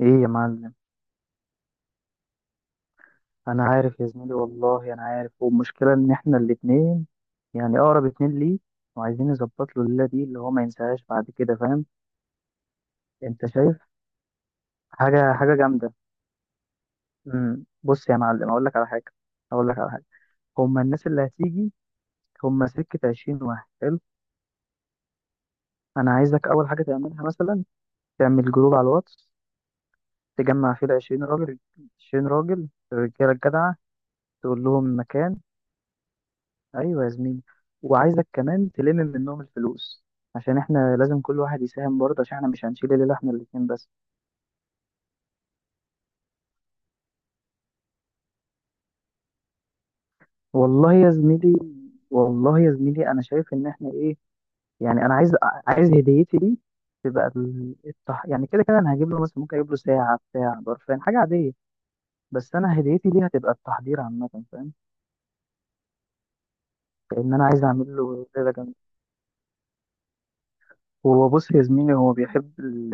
ايه يا معلم. انا عارف يا زميلي، والله انا عارف. والمشكله ان احنا الاتنين، يعني اقرب اتنين ليه، وعايزين نظبط له الليله دي اللي هو ما ينساهاش بعد كده، فاهم؟ انت شايف حاجه جامده. بص يا معلم، اقول لك على حاجه. هما الناس اللي هتيجي، هما سكه 20 واحد، حلو. انا عايزك اول حاجه تعملها مثلا، تعمل جروب على الواتس، تجمع فيه ال 20 راجل. 20 راجل، الرجاله الجدعه، تقول لهم مكان. ايوه يا زميلي. وعايزك كمان تلم منهم الفلوس، عشان احنا لازم كل واحد يساهم برضه، عشان احنا مش هنشيل الليله احنا الاتنين بس. والله يا زميلي والله يا زميلي، انا شايف ان احنا ايه، يعني انا عايز هديتي دي تبقى يعني كده كده انا هجيب له مثلا، ممكن اجيب له ساعه بتاع برفان حاجه عاديه. بس انا هديتي دي هتبقى التحضير عامه، فاهم؟ لان انا عايز اعمل له ليله جامده. هو بص يا زميلي،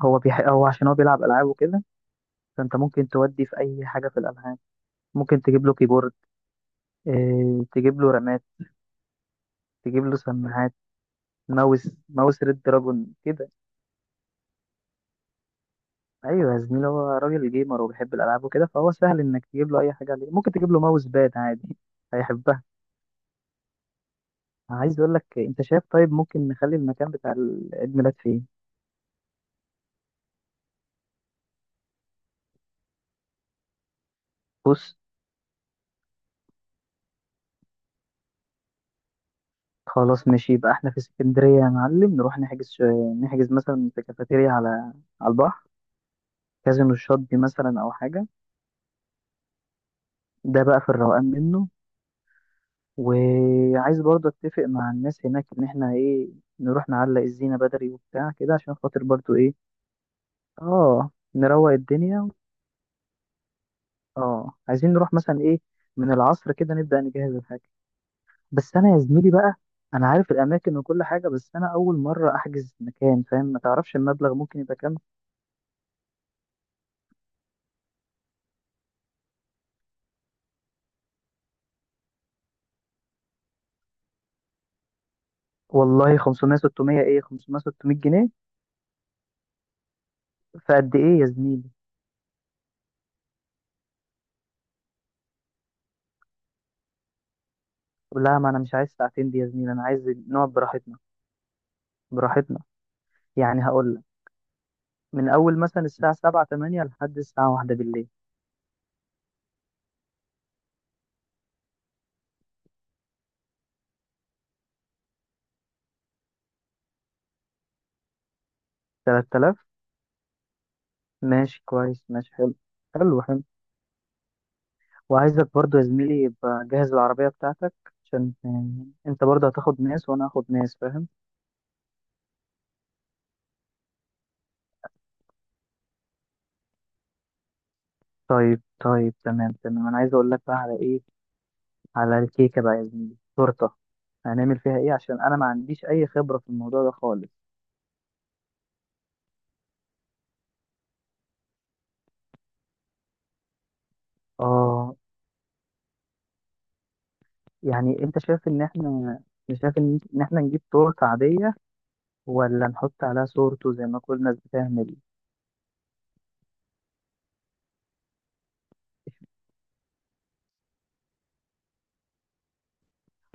هو عشان هو بيلعب العاب وكده، فانت ممكن تودي في اي حاجه في الالعاب. ممكن تجيب له كيبورد، إيه تجيب له رامات، تجيب له سماعات، ماوس، ماوس ريد دراجون كده. ايوه يا زميلي، هو راجل جيمر وبيحب الالعاب وكده، فهو سهل انك تجيب له اي حاجه عليه. ممكن تجيب له ماوس باد عادي هيحبها. عايز اقول لك، انت شايف طيب، ممكن نخلي المكان بتاع العيد ميلاد فين؟ بص، خلاص ماشي، يبقى احنا في اسكندريه يا معلم، نروح نحجز مثلا في كافيتيريا على البحر، كازينو الشاطبي مثلا، او حاجه. ده بقى في الروقان منه. وعايز برضه اتفق مع الناس هناك، ان احنا ايه، نروح نعلق الزينة بدري وبتاع كده، عشان خاطر برضه ايه. اه، نروق الدنيا. اه، عايزين نروح مثلا ايه، من العصر كده نبدأ نجهز الحاجة. بس انا يا زميلي بقى، انا عارف الاماكن وكل حاجة، بس انا اول مرة احجز مكان، فاهم؟ ما تعرفش المبلغ ممكن يبقى كام؟ والله 500 600 ايه، 500 600 جنيه؟ فقد ايه يا زميلي؟ لا، ما انا مش عايز ساعتين دي يا زميلي، انا عايز نقعد براحتنا. براحتنا. يعني هقول، من أول مثلا الساعة سبعة تمانية لحد الساعة واحدة بالليل. 3000. ماشي كويس، ماشي حلو. حلو حلو. وعايزك برضو يا زميلي يبقى جهز العربية بتاعتك، عشان انت برضه هتاخد ناس وانا هاخد ناس، فاهم؟ طيب طيب، تمام تمام. انا عايز اقول لك بقى على ايه، على الكيكة بقى يا زميلي، تورتة. هنعمل فيها ايه؟ عشان انا ما عنديش اي خبرة في الموضوع ده خالص. اه. يعني انت شايف ان احنا، شايف ان إن احنا نجيب تورتة عادية، ولا نحط عليها صورته زي ما كل الناس بتعمل؟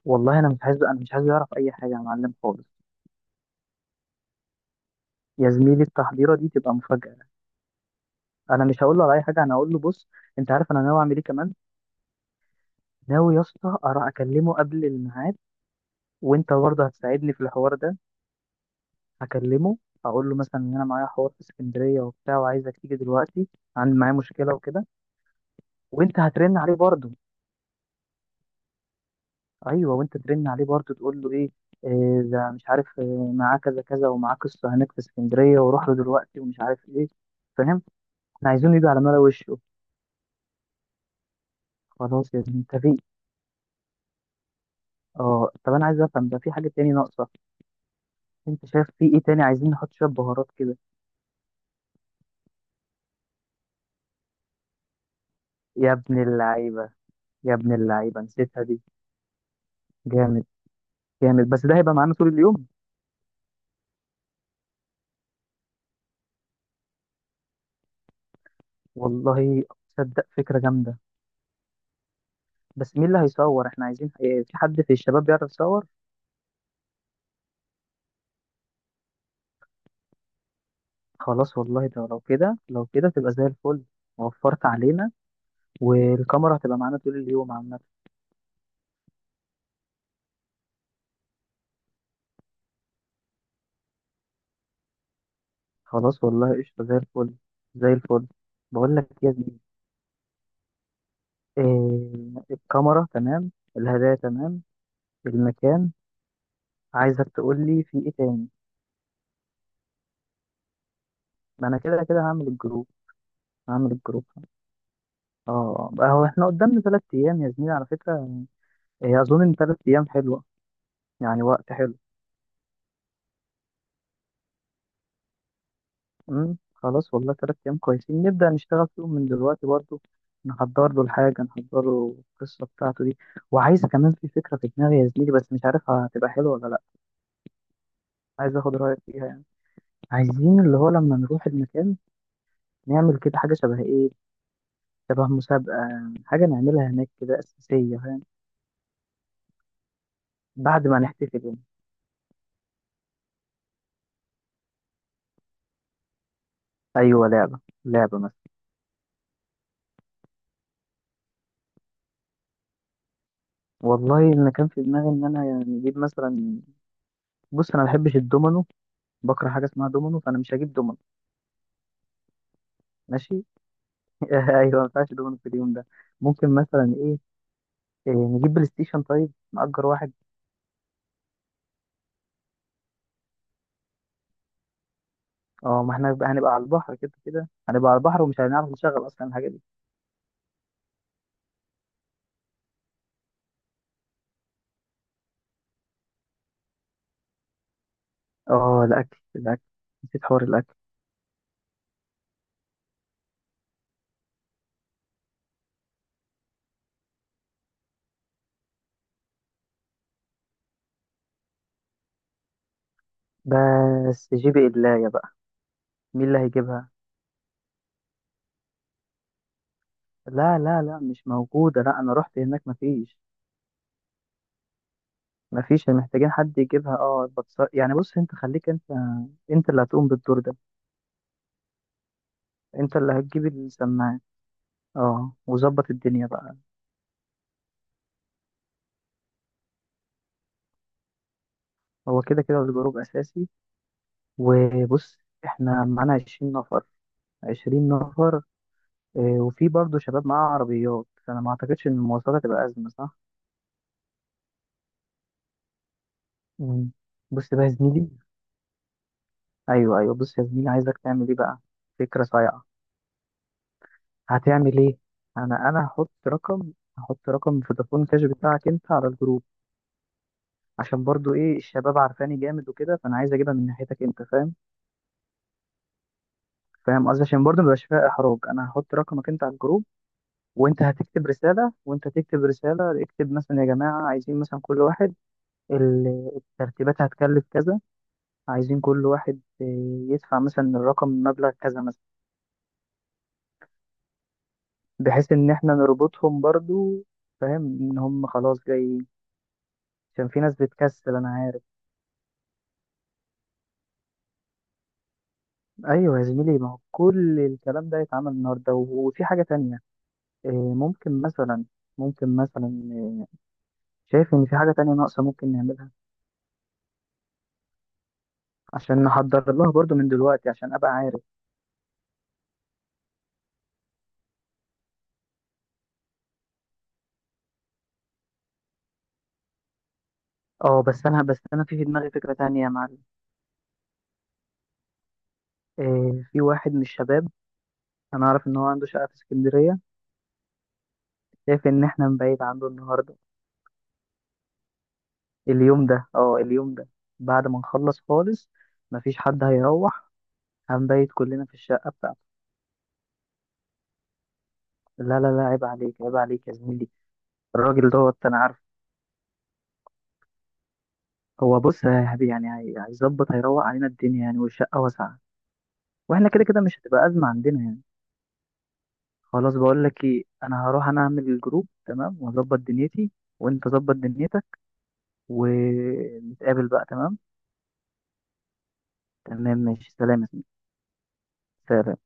والله انا مش عايز يعرف اي حاجه يا معلم خالص. يا زميلي التحضيره دي تبقى مفاجاه. انا مش هقول له على اي حاجه، انا هقول له بص، انت عارف انا ناوي اعمل ايه كمان. ناوي يا اسطى اكلمه قبل الميعاد، وانت برضه هتساعدني في الحوار ده. هكلمه، اقول له مثلا ان انا معايا حوار في اسكندريه وبتاع، وعايزك تيجي دلوقتي، عندي معايا مشكله وكده. وانت هترن عليه برضه. ايوه، وانت ترن عليه برضه، تقول له ايه، إيه ده، مش عارف إيه، معاه كذا كذا، ومعاه قصه هناك في اسكندريه، وروح له دلوقتي، ومش عارف ايه. فاهم؟ احنا عايزينه يجي على ملا وشه. خلاص يا ابني، انت في. اه، طب انا عايز افهم ده، في حاجه تاني ناقصه؟ انت شايف في ايه تاني؟ عايزين نحط شويه بهارات كده. يا ابن اللعيبه، يا ابن اللعيبه، نسيتها دي. جامد. جامد بس ده هيبقى معانا طول اليوم. والله تصدق فكره جامده، بس مين اللي هيصور؟ احنا عايزين ايه، في حد في الشباب بيعرف يصور؟ خلاص والله، ده لو كده لو كده تبقى زي الفل. وفرت علينا. والكاميرا هتبقى معانا طول اليوم عامه. خلاص والله قشطه زي الفل، زي الفل. بقول لك إيه يا ابني، إيه، الكاميرا تمام، الهدايا تمام، المكان. عايزك تقول لي في ايه تاني. ما انا كده كده هعمل الجروب. هعمل الجروب. اه بقى، هو احنا قدامنا 3 ايام يا زميلي على فكرة. إيه، اظن ان 3 ايام حلوة، يعني وقت حلو. خلاص والله، 3 ايام كويسين، نبدأ نشتغل فيهم من دلوقتي برضو. نحضر له الحاجة، نحضر له القصة بتاعته دي. وعايز كمان في فكرة في دماغي يا زميلي، بس مش عارف هتبقى حلوة ولا لا. عايز اخد رأيك فيها يعني. عايزين اللي هو لما نروح المكان، نعمل كده حاجة شبه ايه، شبه مسابقة. حاجة نعملها هناك كده أساسية، فاهم؟ بعد ما نحتفل يعني. أيوة، لعبة، لعبة مثلا. والله أنا كان في دماغي إن أنا يعني أجيب مثلا، بص أنا ما بحبش الدومينو، بكره حاجة اسمها دومينو، فأنا مش هجيب دومينو. ماشي أيوة، ما ينفعش دومينو في اليوم ده. ممكن مثلا إيه نجيب بلاي ستيشن، طيب نأجر واحد. اه، ما احنا هنبقى على البحر كده كده، هنبقى على البحر، ومش هنعرف نشغل أصلا الحاجة دي. اه، الأكل الأكل، نسيت حوار الأكل. بس جيب إدلاية بقى. مين اللي هيجيبها؟ لا لا لا، مش موجودة، لا أنا رحت هناك مفيش. مفيش، محتاجين حد يجيبها، اه يعني بص أنت خليك أنت، أنت اللي هتقوم بالدور ده. أنت اللي هتجيب السماعة. اه، وظبط الدنيا بقى. هو كده كده الجروب أساسي. وبص، إحنا معانا 20 نفر، 20 نفر. وفي برضه شباب معاه عربيات، فأنا ما أعتقدش إن المواصلات هتبقى أزمة، صح؟ مم. بص بقى يا زميلي. أيوه أيوه، بص يا زميلي، عايزك تعمل إيه بقى، فكرة صايعة. هتعمل ايه، انا هحط رقم، هحط رقم فودافون كاش بتاعك انت على الجروب. عشان برضو ايه، الشباب عارفاني جامد وكده، فانا عايز اجيبها من ناحيتك انت، فاهم؟ فاهم قصدي، عشان برضو مبيبقاش فيها احراج، انا هحط رقمك انت على الجروب. وانت تكتب رساله، اكتب مثلا يا جماعه، عايزين مثلا كل واحد، الترتيبات هتكلف كذا، عايزين كل واحد إيه، يدفع مثلا الرقم مبلغ كذا مثلا. بحيث ان احنا نربطهم برضو، فاهم ان هم خلاص جايين. عشان في ناس بتكسل انا عارف. ايوه يا زميلي، ما هو كل الكلام ده يتعمل النهارده، وفي حاجه تانية، إيه، ممكن مثلا إيه، شايف ان في حاجه تانية ناقصه ممكن نعملها؟ عشان نحضر لها برضو من دلوقتي، عشان ابقى عارف. اه، بس انا في دماغي فكره تانية يا معلم. إيه، في واحد من الشباب، انا اعرف ان هو عنده شقه في اسكندريه. شايف ان احنا نبعد عنده النهارده. اليوم ده، اه اليوم ده، بعد ما نخلص خالص. مفيش حد هيروح، هنبيت كلنا في الشقه بتاعته. لا لا لا، عيب عليك، عيب عليك يا زميلي. الراجل دوت انا عارف. هو بص يا حبيبي يعني، هيظبط، هيروق علينا الدنيا يعني، والشقة واسعة. واحنا كده كده مش هتبقى أزمة عندنا يعني. خلاص، بقول لك ايه، انا هروح انا اعمل الجروب تمام، واظبط دنيتي، وانت ظبط دنيتك، ونتقابل بقى، تمام. تمام ماشي، سلام يا زميلي. سلام.